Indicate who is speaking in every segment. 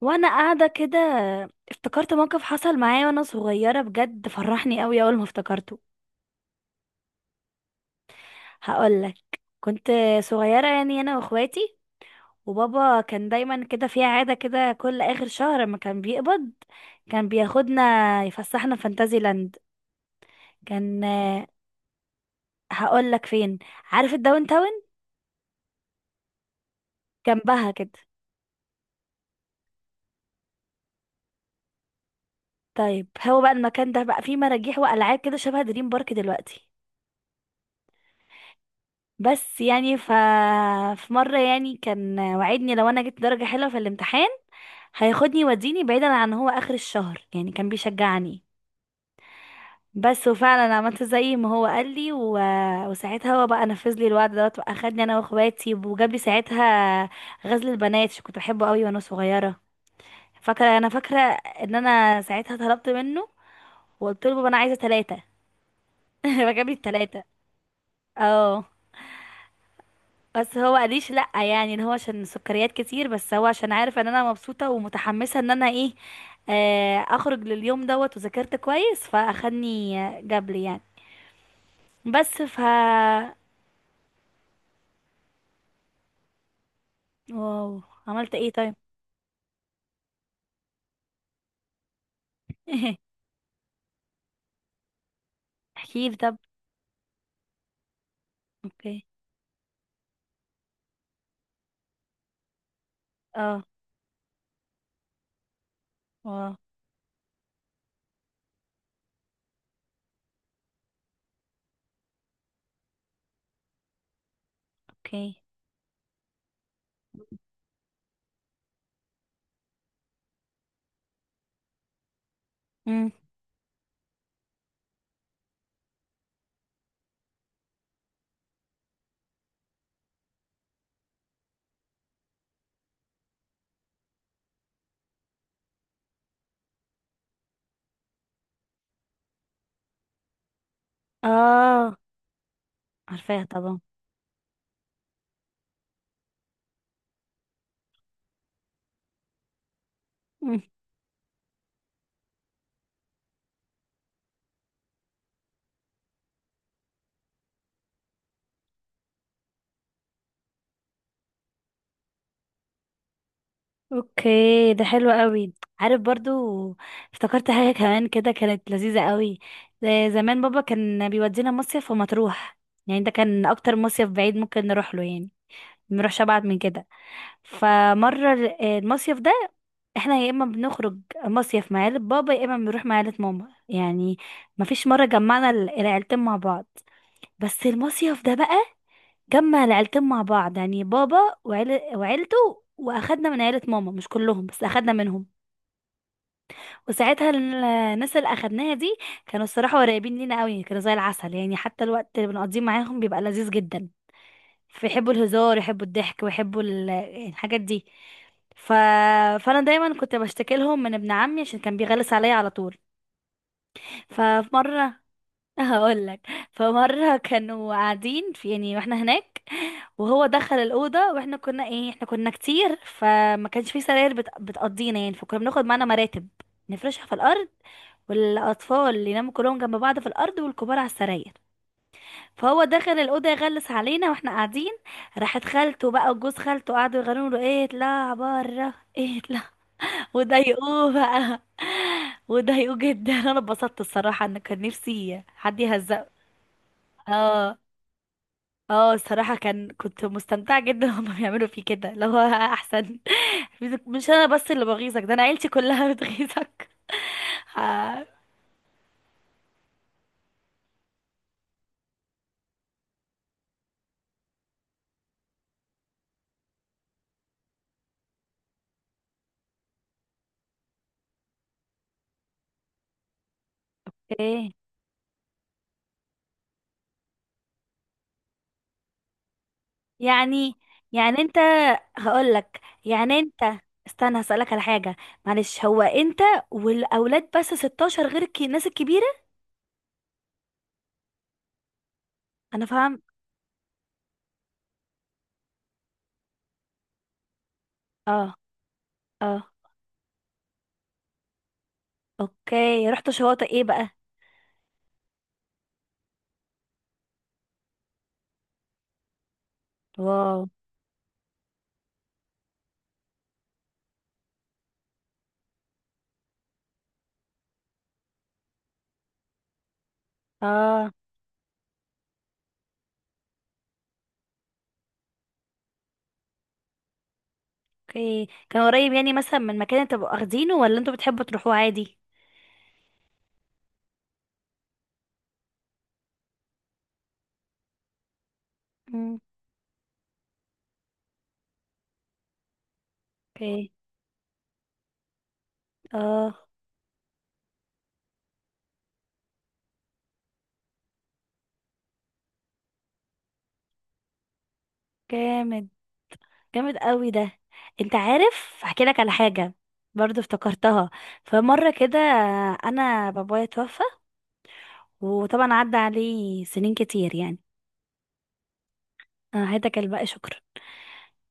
Speaker 1: وانا قاعده كده، افتكرت موقف حصل معايا وانا صغيره بجد، فرحني قوي اول ما افتكرته. هقولك. كنت صغيره، يعني انا واخواتي، وبابا كان دايما كده في عاده كده، كل اخر شهر ما كان بيقبض كان بياخدنا يفسحنا فانتازي لاند. كان، هقولك فين. عارف الداون تاون؟ جنبها كده. طيب هو بقى المكان ده بقى فيه مراجيح والعاب كده شبه دريم بارك دلوقتي. بس يعني في مرة يعني كان وعدني لو انا جبت درجة حلوة في الامتحان هياخدني يوديني بعيدا عن هو اخر الشهر، يعني كان بيشجعني بس. وفعلا عملت زي ما هو قال لي وساعتها هو بقى نفذ لي الوعد دوت، واخدني انا واخواتي وجاب لي ساعتها غزل البنات عشان كنت بحبه قوي وانا صغيرة. فاكرة، انا فاكرة ان انا ساعتها طلبت منه وقلت له بابا انا عايزة ثلاثة. فجاب لي الثلاثة. اه، بس هو قاليش لأ يعني، اللي هو عشان سكريات كتير، بس هو عشان عارف ان انا مبسوطة ومتحمسة ان انا ايه. اخرج لليوم دوت وذاكرت كويس فاخدني جابلي يعني. بس ف واو، عملت ايه طيب؟ احكيلي طب. اوكي. اه. واو. اوكي. امم اه. عارفاها طبعا. اوكي، ده حلو قوي. عارف، برضو افتكرت حاجة كمان كده كانت لذيذة قوي. ده زمان بابا كان بيودينا مصيف ومطروح، يعني ده كان اكتر مصيف بعيد ممكن نروح له يعني، منروحش ابعد من كده. فمرة المصيف ده، احنا يا اما بنخرج مصيف مع عيلة بابا، يا اما بنروح مع عيلة ماما يعني، مفيش مرة جمعنا العيلتين مع بعض. بس المصيف ده بقى جمع العيلتين مع بعض، يعني بابا وعيلته واخدنا من عيلة ماما مش كلهم بس اخدنا منهم. وساعتها الناس اللي اخدناها دي كانوا الصراحة قريبين لينا قوي، كانوا زي العسل يعني، حتى الوقت اللي بنقضيه معاهم بيبقى لذيذ جدا. فيحبوا الهزار، يحبوا الضحك، ويحبوا الحاجات دي. ف... فانا دايما كنت بشتكي لهم من ابن عمي عشان كان بيغلس عليا على طول. ففي مره، هقول لك. فمره كانوا قاعدين في، يعني واحنا هناك، وهو دخل الاوضه، واحنا كنا ايه، احنا كنا كتير فما كانش في سراير بتقضينا يعني، فكنا بناخد معانا مراتب نفرشها في الارض، والاطفال يناموا كلهم جنب بعض في الارض والكبار على السراير. فهو دخل الاوضه يغلس علينا واحنا قاعدين. راحت خالته بقى وجوز خالته قعدوا يغنوا له ايه، اطلع بره، ايه اطلع. وضايقوه بقى، وضايقوه جدا. انا اتبسطت الصراحه، ان كان نفسي حد يهزقه. اه. اه الصراحة كان، كنت مستمتعة جدا. هما بيعملوا فيه كده اللي هو احسن. مش انا بس اللي بغيظك ده، انا عيلتي كلها بتغيظك. ها،. ايه. يعني يعني انت، هقولك انت، استنى هسألك على حاجة. معلش، هو انت والاولاد بس 16 غير الناس الكبيرة؟ انا فاهم. اه. اه. اوكي، رحت شواطئ ايه بقى؟ واو. اه. اوكي، كان قريب يعني مثلا من مكان انتوا بتبقوا واخدينه، ولا انتوا بتحبوا تروحوه عادي؟ اوكي. اه. جامد، جامد قوي ده. انت عارف، احكي لك على حاجه برضو افتكرتها. فمره كده، انا بابايا توفى، وطبعا عدى عليه سنين كتير يعني. أنا هداك الباقي شكرا.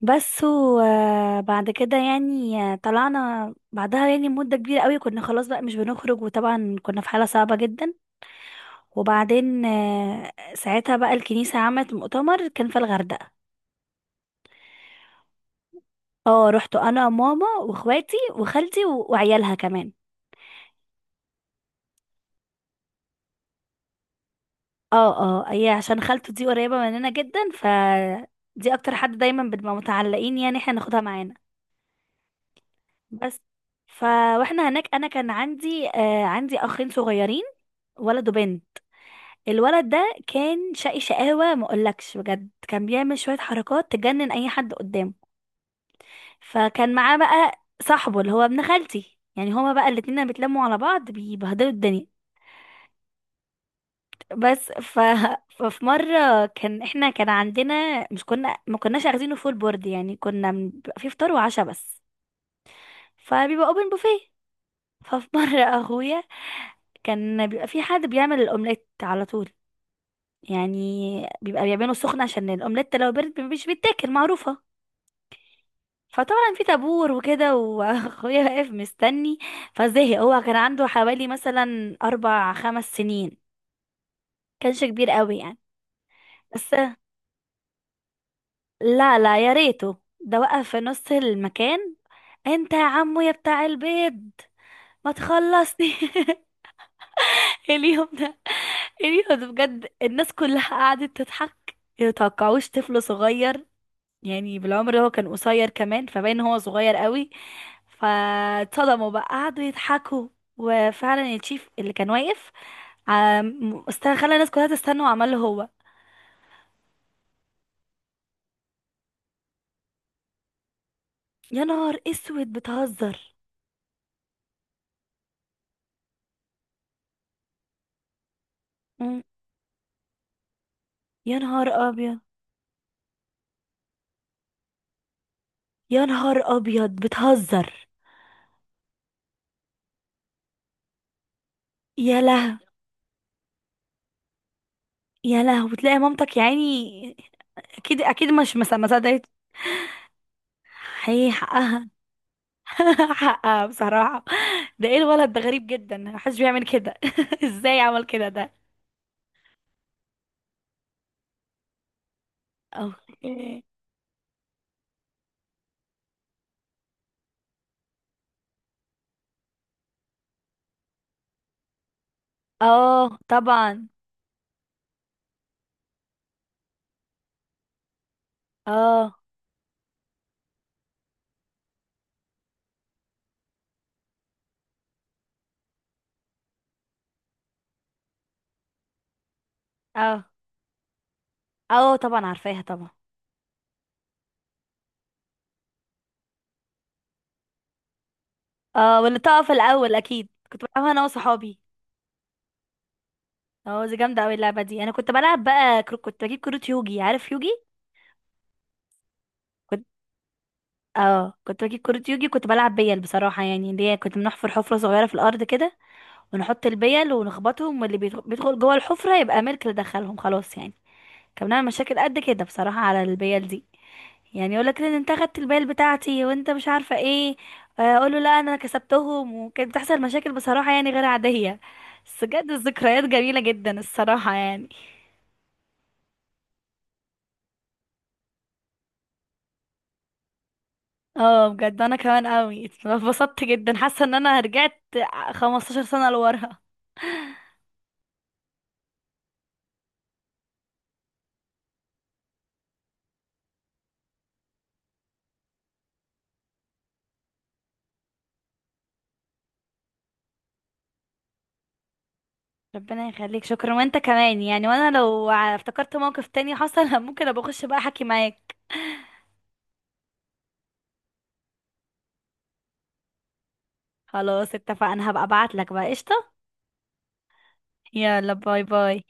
Speaker 1: بس وبعد كده يعني، طلعنا بعدها يعني مدة كبيرة قوي، كنا خلاص بقى مش بنخرج، وطبعا كنا في حالة صعبة جدا. وبعدين، ساعتها بقى الكنيسة عملت مؤتمر كان في الغردقة. اه، رحت انا ماما واخواتي وخالتي وعيالها كمان. اه. اه، هي عشان خالته دي قريبة مننا جدا، دي اكتر حد دايما بنبقى متعلقين، يعني احنا ناخدها معانا بس. ف واحنا هناك، انا كان عندي آه عندي اخين صغيرين، ولد وبنت. الولد ده كان شقي شقاوة ما اقولكش بجد، كان بيعمل شوية حركات تجنن اي حد قدامه. فكان معاه بقى صاحبه اللي هو ابن خالتي، يعني هما بقى الاتنين لما بيتلموا على بعض بيبهدلوا الدنيا بس. ففي مرة كان احنا كان عندنا، مش كنا ما كناش اخدينه فول بورد، يعني كنا بيبقى فيه فطار وعشاء بس، فبيبقى اوبن بوفيه. ففي مرة اخويا، كان بيبقى في حد بيعمل الاومليت على طول يعني، بيبقى بيعمله سخن عشان الاومليت لو برد مش بيتاكل، معروفة. فطبعا في طابور وكده، واخويا واقف مستني. فزهق، هو كان عنده حوالي مثلا اربع خمس سنين، كانش كبير قوي يعني. بس لا لا، يا ريته ده، وقف في نص المكان: انت يا عمو يا بتاع البيض، ما تخلصني. اليوم ده، اليوم ده بجد الناس كلها قعدت تضحك، يتوقعوش طفل صغير يعني، بالعمر هو كان قصير كمان فباين هو صغير قوي. فاتصدموا بقى قعدوا يضحكوا. وفعلا الشيف اللي كان واقف، خلى الناس كلها تستنى وعمل له هو. يا نهار اسود، بتهزر. مم. يا نهار ابيض. يا نهار ابيض، بتهزر. يا له. يا له، وتلاقي مامتك يا عيني. اكيد اكيد، مش مس- ما صدقت. حقيقي، حقها. حقها بصراحة. ده ايه الولد ده، غريب جدا، محدش بيعمل كده. ازاي عمل كده ده. اوكي. اه طبعا. اه. اه. اه طبعا، عارفاها طبعا. اه، واللي تقف الاول، اكيد كنت بلعبها انا وصحابي. اه دي جامدة اوي اللعبة دي. انا كنت بلعب بقى كنت بجيب كروت يوجي، عارف يوجي. اه، كنت بجيب كرة يوجي، كنت بلعب بيل بصراحة، يعني اللي هي كنت بنحفر حفرة صغيرة في الأرض كده، ونحط البيل ونخبطهم، واللي بيدخل جوه الحفرة يبقى ملك، اللي دخلهم خلاص يعني. كان بنعمل مشاكل قد كده بصراحة على البيل دي، يعني يقول لك ان انت خدت البيل بتاعتي، وانت مش عارفة ايه. اقول له لا انا كسبتهم، وكانت بتحصل مشاكل بصراحة يعني غير عادية. بس بجد الذكريات جميلة جدا الصراحة يعني. اه بجد، انا كمان قوي اتبسطت جدا، حاسة ان انا رجعت 15 سنة لورا. ربنا يخليك، شكرا، وانت كمان يعني. وانا لو افتكرت موقف تاني حصل ممكن ابقى اخش بقى احكي معاك. خلاص اتفقنا، هبقى ابعت لك بقى، قشطة. يلا باي باي.